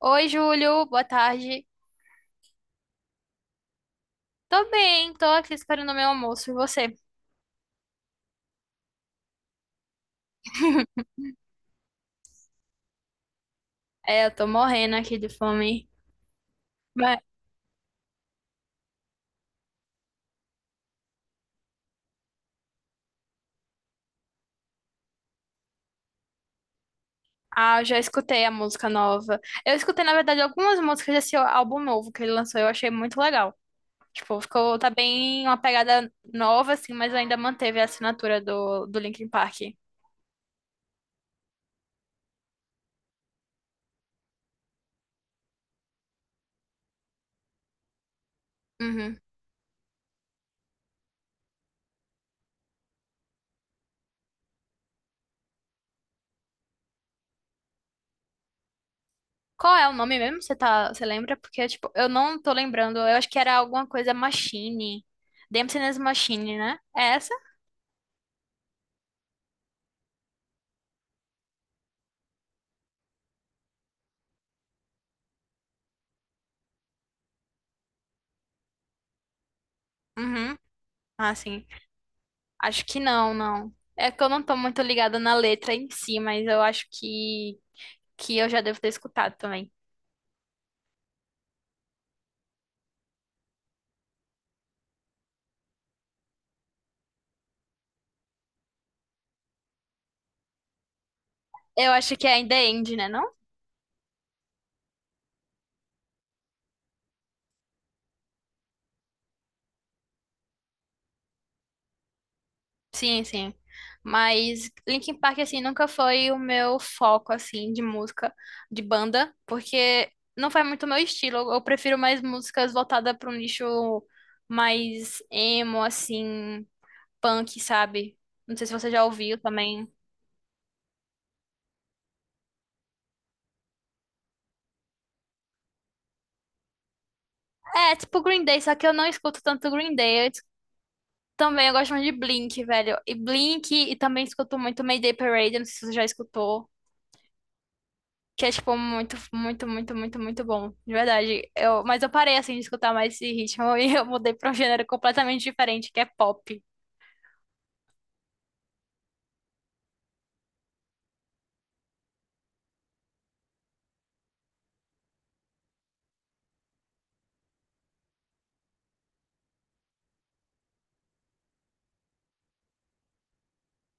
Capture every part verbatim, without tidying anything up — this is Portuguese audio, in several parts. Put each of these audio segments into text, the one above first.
Oi, Júlio, boa tarde. Tô bem, tô aqui esperando o meu almoço e você? É, eu tô morrendo aqui de fome. Mas- Ah, eu já escutei a música nova. Eu escutei, na verdade, algumas músicas desse álbum novo que ele lançou, eu achei muito legal. Tipo, ficou, tá bem uma pegada nova, assim, mas ainda manteve a assinatura do, do Linkin Park. Uhum. Qual é o nome mesmo? Você tá, você lembra? Porque, tipo, eu não tô lembrando. Eu acho que era alguma coisa Machine. Dempsey's Machine, né? É essa? Uhum. Ah, sim. Acho que não, não. É que eu não tô muito ligada na letra em si, mas eu acho que, que eu já devo ter escutado também. Eu acho que é In The End, né, não? Sim, sim. Mas Linkin Park, assim, nunca foi o meu foco, assim, de música, de banda, porque não foi muito o meu estilo. Eu, eu prefiro mais músicas voltadas para um nicho mais emo, assim, punk, sabe? Não sei se você já ouviu também. É, tipo Green Day, só que eu não escuto tanto Green Day. Também eu gosto muito de Blink, velho. E Blink, e também escuto muito Mayday Parade, não sei se você já escutou. Que é, tipo, muito, muito, muito, muito, muito bom. De verdade. Eu, mas eu parei, assim, de escutar mais esse ritmo e eu mudei pra um gênero completamente diferente, que é pop.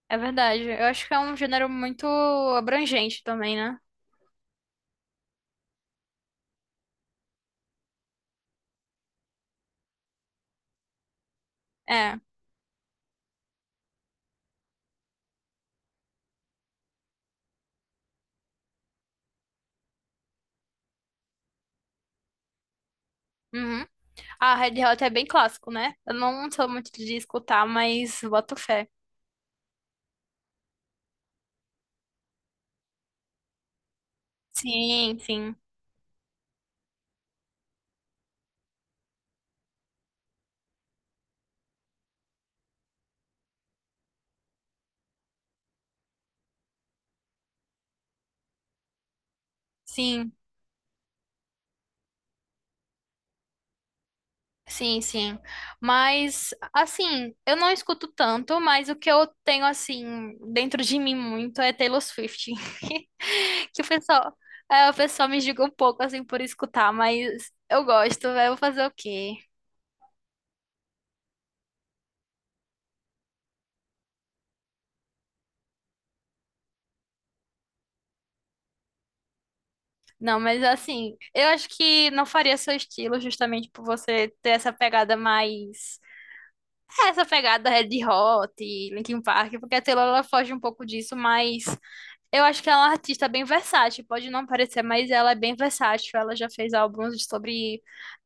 É verdade. Eu acho que é um gênero muito abrangente também, né? É. Uhum. Ah, Red Hot é bem clássico, né? Eu não sou muito de escutar, mas boto fé. Sim, sim. Sim. Sim, sim. Mas, assim, eu não escuto tanto, mas o que eu tenho, assim, dentro de mim muito é Taylor Swift. Que o pessoal, é, o pessoal me julga um pouco, assim, por escutar, mas eu gosto, eu vou fazer o quê? Não, mas, assim, eu acho que não faria seu estilo justamente por você ter essa pegada mais... é, Essa pegada Red Hot, Linkin Park, porque a Taylor, ela foge um pouco disso, mas... Eu acho que ela é uma artista bem versátil, pode não parecer, mas ela é bem versátil. Ela já fez álbuns sobre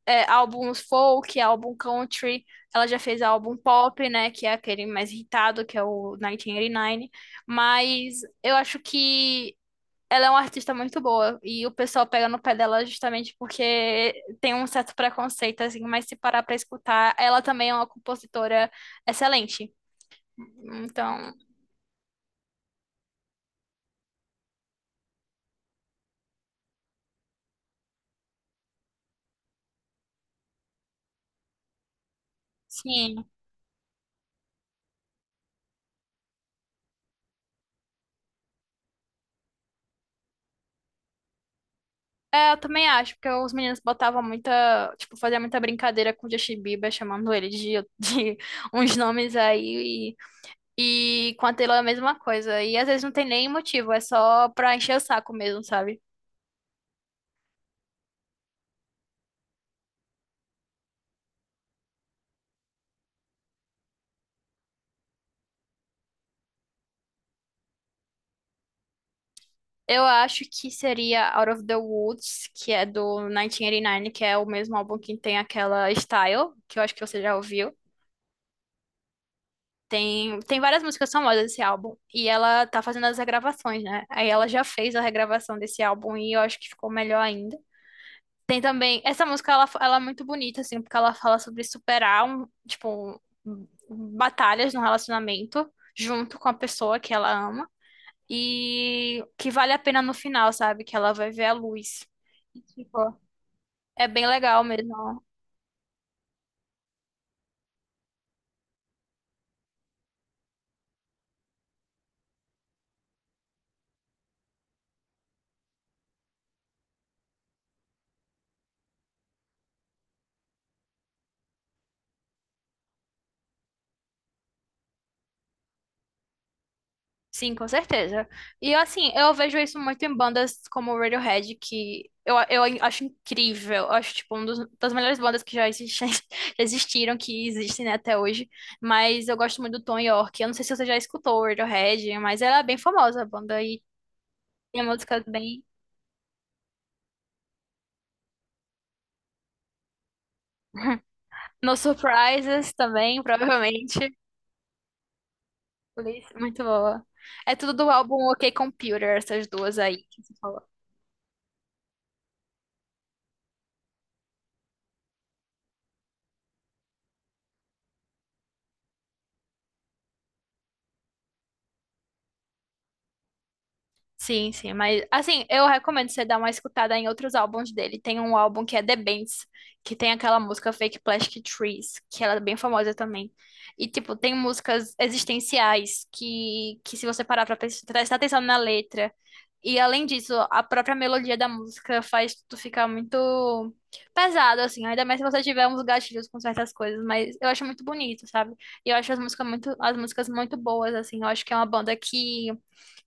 é, Álbuns folk, álbum country, ela já fez álbum pop, né, que é aquele mais irritado, que é o mil novecentos e oitenta e nove. Mas eu acho que ela é uma artista muito boa e o pessoal pega no pé dela justamente porque tem um certo preconceito, assim, mas se parar pra escutar, ela também é uma compositora excelente. Então, sim. É, eu também acho, porque os meninos botavam muita, tipo, fazia muita brincadeira com o Justin Bieber, chamando ele de, de uns nomes aí, e, e com a Taylor é a mesma coisa. E às vezes não tem nem motivo, é só pra encher o saco mesmo, sabe? Eu acho que seria Out of the Woods, que é do mil novecentos e oitenta e nove, que é o mesmo álbum que tem aquela Style, que eu acho que você já ouviu. Tem, tem várias músicas famosas desse álbum. E ela tá fazendo as regravações, né? Aí ela já fez a regravação desse álbum e eu acho que ficou melhor ainda. Tem também. Essa música, ela, ela é muito bonita, assim, porque ela fala sobre superar, um, tipo, um, batalhas no relacionamento junto com a pessoa que ela ama. E que vale a pena no final, sabe? Que ela vai ver a luz. E, tipo, é bem legal mesmo. Sim, com certeza. E assim, eu vejo isso muito em bandas como o Radiohead, que eu, eu acho incrível. Eu acho, tipo, uma das melhores bandas que já existem, já existiram, que existem, né, até hoje. Mas eu gosto muito do Tom York. Eu não sei se você já escutou o Radiohead, mas ela é bem famosa, a banda. E tem músicas bem... No Surprises também, provavelmente. Por isso, muito boa. É tudo do álbum OK Computer, essas duas aí que você falou. Sim, sim, mas assim, eu recomendo você dar uma escutada em outros álbuns dele. Tem um álbum que é The Bends, que tem aquela música Fake Plastic Trees, que ela é bem famosa também. E tipo, tem músicas existenciais que, que se você parar pra pres- prestar atenção na letra, e além disso, a própria melodia da música faz tu ficar muito pesado, assim, ainda mais se você tiver uns gatilhos com certas coisas, mas eu acho muito bonito, sabe? E eu acho as músicas muito, as músicas muito boas, assim, eu acho que é uma banda que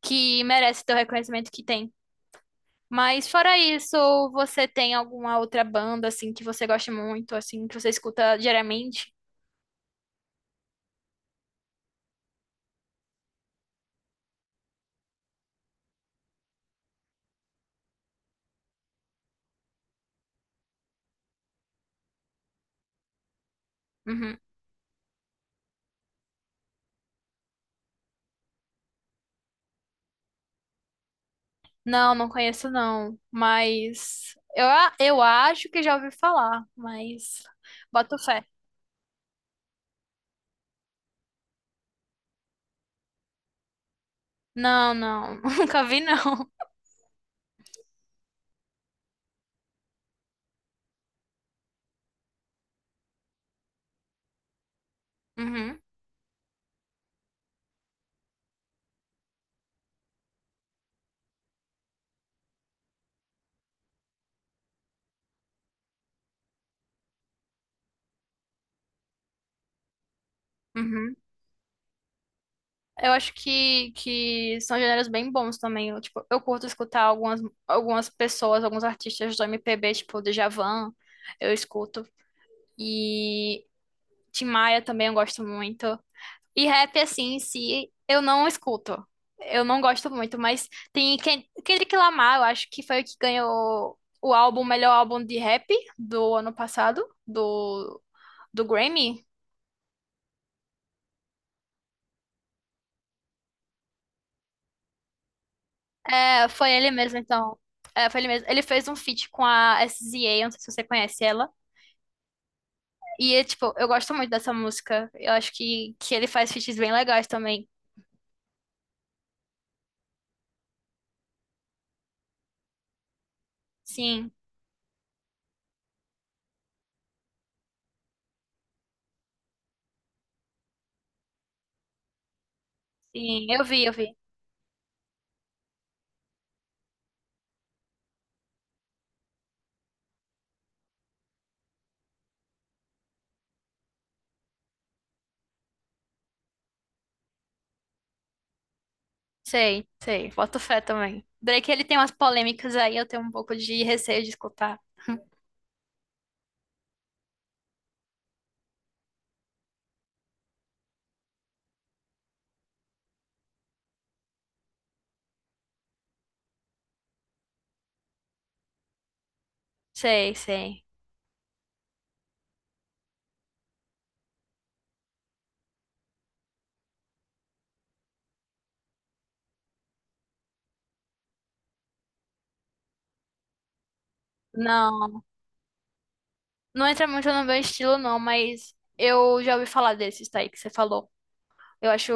que merece ter o reconhecimento que tem. Mas fora isso, você tem alguma outra banda, assim, que você gosta muito, assim, que você escuta diariamente? Uhum. Não, não conheço não, mas eu, a- eu acho que já ouvi falar, mas boto fé. Não, não, nunca vi não. Uhum, uhum. Eu acho que, que são gêneros bem bons também. Eu, tipo, eu curto escutar algumas, algumas pessoas, alguns artistas do M P B, tipo o Djavan, eu escuto. E Tim Maia também eu gosto muito. E rap, assim, em si, eu não escuto. Eu não gosto muito, mas tem Ken- Kendrick Lamar, eu acho que foi o que ganhou o álbum, o melhor álbum de rap do ano passado, do, do Grammy. É, foi ele mesmo, então. É, foi ele mesmo. Ele fez um feat com a S Z A, não sei se você conhece ela. E, é, tipo, eu gosto muito dessa música. Eu acho que, que ele faz feats bem legais também. Sim, sim, eu vi, eu vi. Sei, sei, boto fé também. Drake, ele tem umas polêmicas aí, eu tenho um pouco de receio de escutar. Sei, sei. Não, não entra muito no meu estilo, não, mas eu já ouvi falar desses daí que você falou. Eu acho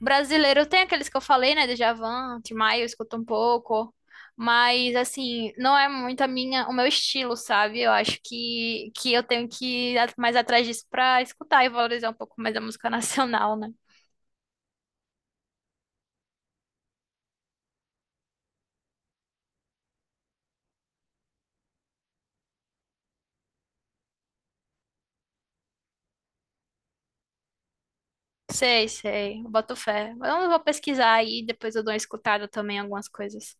Brasileiro, tem aqueles que eu falei, né? Djavan, Tim Maia, eu escuto um pouco, mas assim, não é muito a minha, o meu estilo, sabe? Eu acho que, que eu tenho que ir a- mais atrás disso pra escutar e valorizar um pouco mais a música nacional, né? Sei, sei, eu boto fé. Eu vou pesquisar aí, depois eu dou uma escutada também em algumas coisas.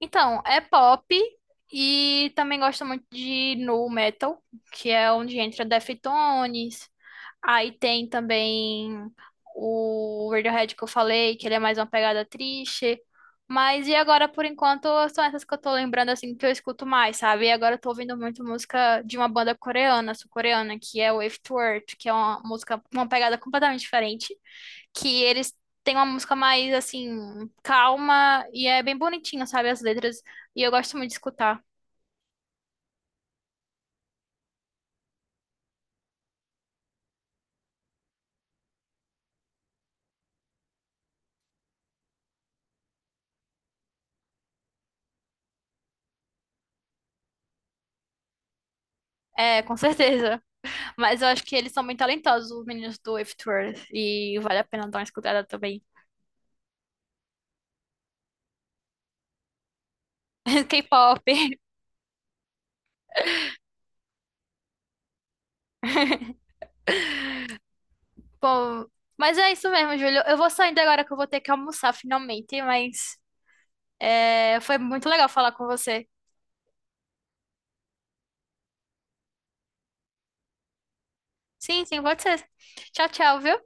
Então, é pop e também gosto muito de nu metal, que é onde entra Deftones. Aí tem também o Radiohead que eu falei, que ele é mais uma pegada triste. Mas e agora, por enquanto, são essas que eu tô lembrando, assim, que eu escuto mais, sabe? E agora eu tô ouvindo muito música de uma banda coreana, sul-coreana, que é o Afterword, que é uma música, uma pegada completamente diferente, que eles têm uma música mais, assim, calma e é bem bonitinha, sabe? As letras, e eu gosto muito de escutar. É, com certeza. Mas eu acho que eles são muito talentosos, os meninos do if dois. E vale a pena dar uma escutada também. K-pop. Bom, mas é isso mesmo, Júlio. Eu vou saindo agora que eu vou ter que almoçar finalmente, mas é, foi muito legal falar com você. Sim, sim, pode ser. Tchau, tchau, viu?